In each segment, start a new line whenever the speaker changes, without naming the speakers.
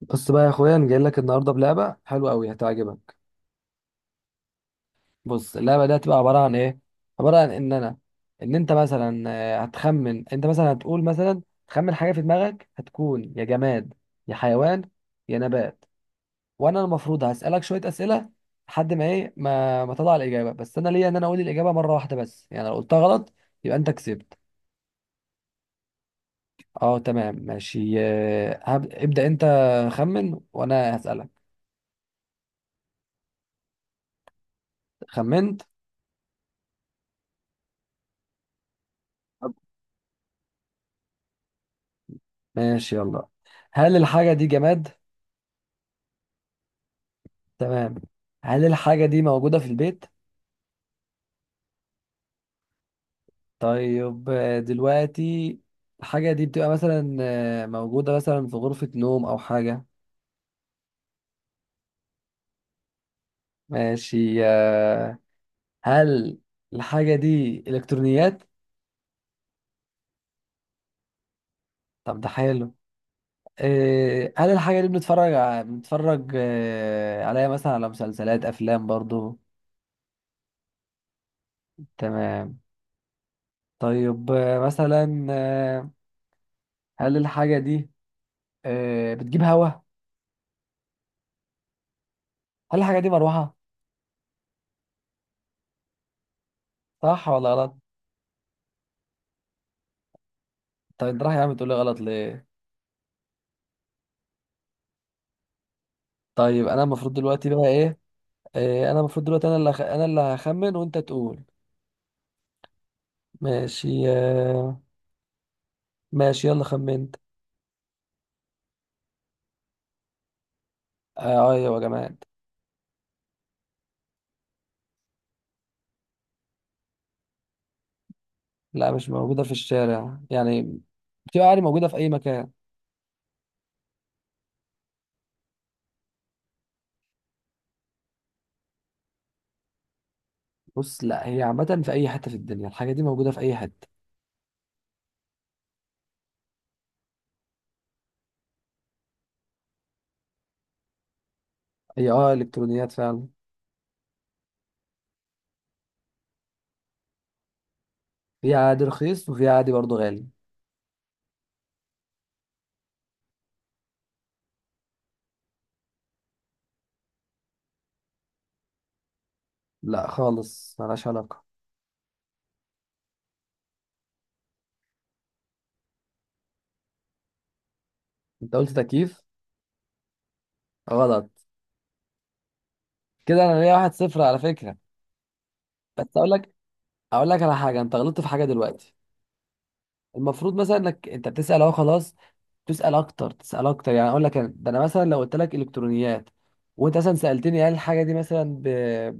بص بقى يا اخويا، انا جاي لك النهارده بلعبه حلوه قوي هتعجبك. بص، اللعبه دي هتبقى عباره عن ايه. عباره عن ان انت مثلا هتخمن. انت مثلا هتقول مثلا تخمن حاجه في دماغك، هتكون يا جماد يا حيوان يا نبات. وانا المفروض هسالك شويه اسئله لحد ما ايه ما تطلع الاجابه، بس انا ليا ان انا اقول الاجابه مره واحده بس، يعني لو قلتها غلط يبقى انت كسبت. اه تمام ماشي، ابدا، انت خمن وانا هسالك. خمنت. ماشي يلا. هل الحاجة دي جماد؟ تمام. هل الحاجة دي موجودة في البيت؟ طيب، دلوقتي الحاجة دي بتبقى مثلا موجودة مثلا في غرفة نوم أو حاجة. ماشي. هل الحاجة دي إلكترونيات؟ طب ده حلو. هل الحاجة دي بنتفرج بنتفرج عليها مثلا على مسلسلات أفلام برضو؟ تمام. طيب مثلا هل الحاجة دي بتجيب هوا؟ هل الحاجة دي مروحة؟ صح ولا غلط؟ طيب راح يا عم تقول لي غلط ليه. طيب، انا المفروض دلوقتي بقى ايه؟ إيه، انا المفروض دلوقتي انا اللي انا اللي هخمن وانت تقول. ماشي ماشي يلا خمنت. ايوه يا جماد. لا مش موجوده في الشارع يعني، بتبقى عادي موجوده في اي مكان. بص، لا هي عامه في اي حته، في الدنيا الحاجه دي موجوده في اي حته. هي اه الكترونيات فعلا. في عادي رخيص وفي عادي برضو غالي. لا خالص، ملهاش علاقه. انت قلت تكييف؟ غلط. كده انا ليا واحد صفر على فكره. بس اقول لك على حاجه، انت غلطت في حاجه دلوقتي. المفروض مثلا انك انت بتسال اهو، خلاص تسال اكتر تسال اكتر، يعني اقول لك ده انا مثلا لو قلت لك الكترونيات، وانت مثلا سالتني هل الحاجه دي مثلا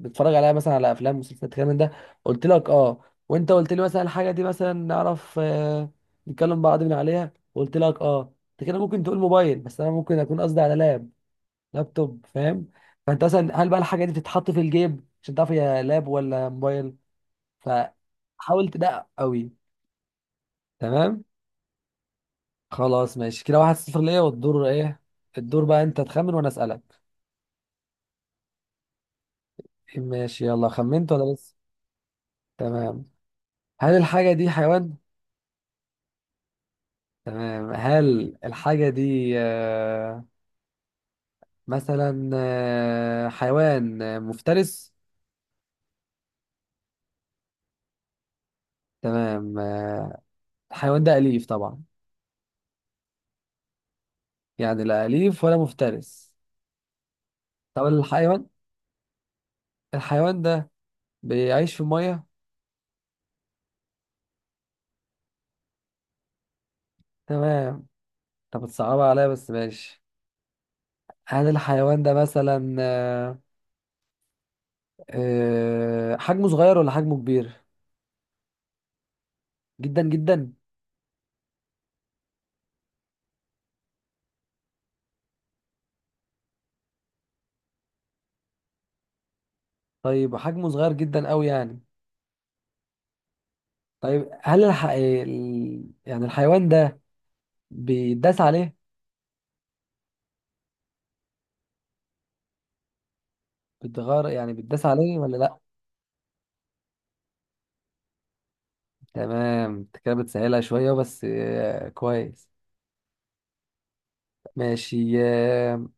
بتتفرج عليها مثلا على افلام مسلسلات الكلام من ده، قلت لك اه، وانت قلت لي مثلا الحاجه دي مثلا نعرف نتكلم بعض من عليها، قلت لك اه، انت كده ممكن تقول موبايل بس انا ممكن اكون قصدي على لاب، لابتوب، فاهم. فانت مثلا هل بقى الحاجه دي بتتحط في الجيب عشان تعرف هي لاب ولا موبايل. ف حاول تدقق قوي. تمام. خلاص ماشي، كده واحد صفر ليا. والدور ايه؟ الدور بقى انت تخمن وانا اسالك. ماشي يلا، خمنت ولا لسه. تمام. هل الحاجه دي حيوان؟ تمام. هل الحاجه دي مثلا حيوان مفترس؟ تمام الحيوان ده اليف طبعا. يعني لا اليف ولا مفترس. طب الحيوان، ده بيعيش في الميه. تمام. طب بتصعبها عليا بس ماشي. هل الحيوان ده مثلا أه حجمه صغير ولا حجمه كبير؟ جدا جدا. طيب حجمه صغير جدا قوي يعني. طيب هل يعني الحيوان ده بيتداس عليه؟ بتغار يعني بيتداس عليه ولا لا؟ تمام، انت كده بتسهلها شوية بس كويس. ماشي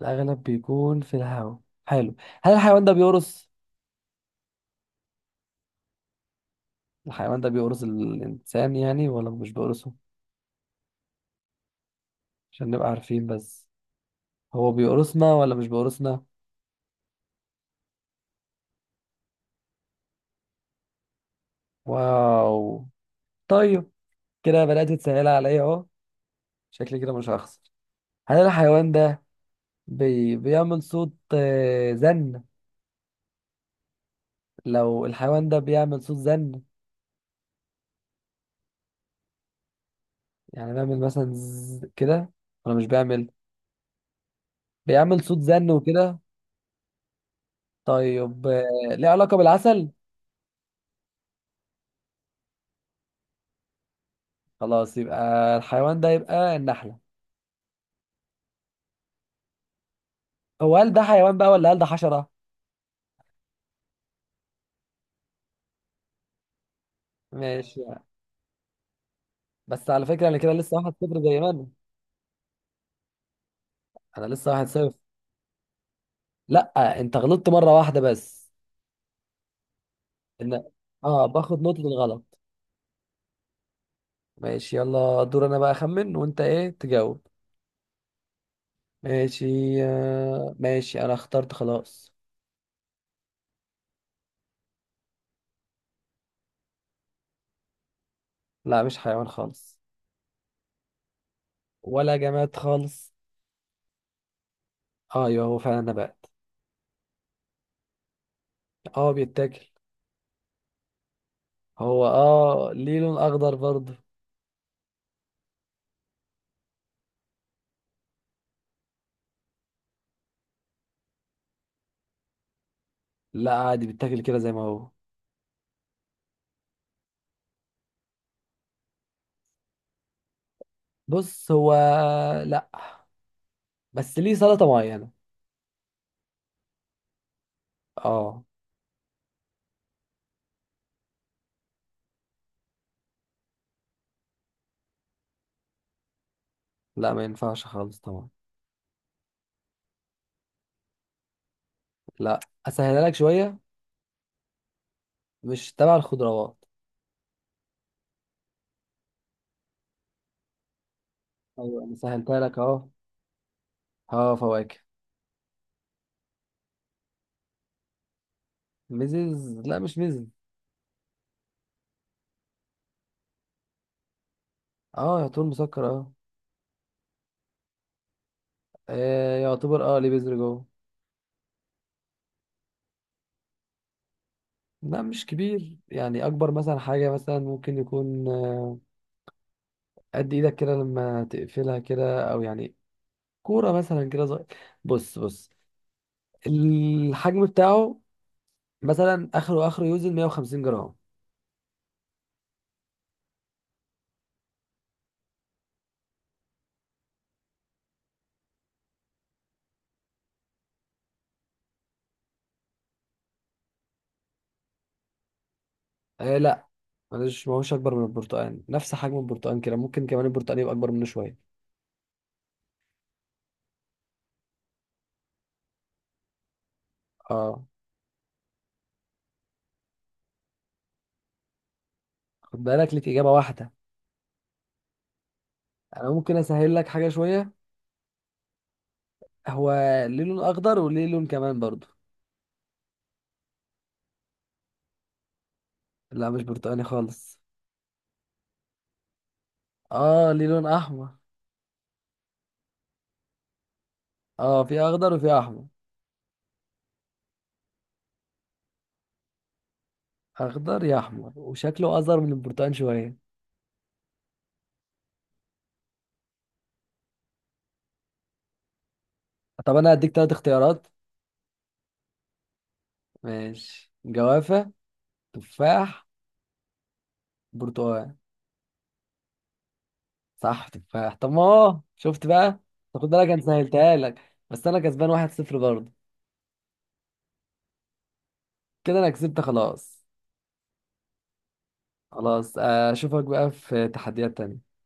الأغلب بيكون في الهواء. حلو. هل الحيوان ده بيقرص؟ الحيوان ده بيقرص الإنسان يعني ولا مش بيقرصه؟ عشان نبقى عارفين بس، هو بيقرصنا ولا مش بيقرصنا؟ واو. طيب، كده بدأت تسهل عليا اهو. شكلي كده مش هخسر. هل الحيوان ده بيعمل صوت زن؟ لو الحيوان ده بيعمل صوت زن، يعني بيعمل مثلا كده ولا مش بيعمل؟ بيعمل صوت زن وكده. طيب، ليه علاقة بالعسل؟ خلاص يبقى الحيوان ده يبقى النحلة. هو هل ده حيوان بقى ولا هل ده حشرة؟ ماشي. بس على فكرة انا كده لسه واحد صفر زي ما انا. انا لسه واحد صفر. لا انت غلطت مرة واحدة بس. إن... اه باخد نقطة الغلط. ماشي يلا، دور انا بقى اخمن وانت ايه تجاوب. ماشي ماشي انا اخترت خلاص. لا مش حيوان خالص. ولا جماد خالص. ايوه هو فعلا نبات. اه بيتاكل. هو اه ليه لون اخضر برضه. لا عادي بيتاكل كده زي ما هو. بص هو، لا، بس ليه سلطة معينة. اه. لا ما ينفعش خالص طبعا. لا اسهلها لك شوية. مش تبع الخضروات. ايوه انا سهلتها لك اهو. اه فواكه. ميزيز لا مش ميزيز. اه يعتبر مسكر اه. يعتبر اه ليه بذر جوه. لا مش كبير، يعني اكبر مثلا حاجة مثلا ممكن يكون قد ايدك كده لما تقفلها كده، او يعني كورة مثلا كده صغير. بص بص. الحجم بتاعه مثلا اخره اخره يوزن 150 جرام. آه لا معلش، ما هوش اكبر من البرتقال، نفس حجم البرتقال كده، ممكن كمان البرتقال يبقى اكبر منه شوية. اه. خد بالك ليك اجابة واحدة. انا ممكن اسهل لك حاجة شوية. هو ليه لون اخضر وليه لون كمان برضو. لا مش برتقالي خالص. اه ليه لون احمر. اه في اخضر وفي احمر. اخضر يا احمر وشكله اصغر من البرتقال شويه. طب انا هديك ثلاث اختيارات: ماشي، جوافه، تفاح، برتقال. صح تفاح. طب ما هو شفت بقى. طب خد بالك انا سهلتها لك بس انا كسبان واحد صفر برضه. كده انا كسبت خلاص. خلاص اشوفك بقى في تحديات تانية.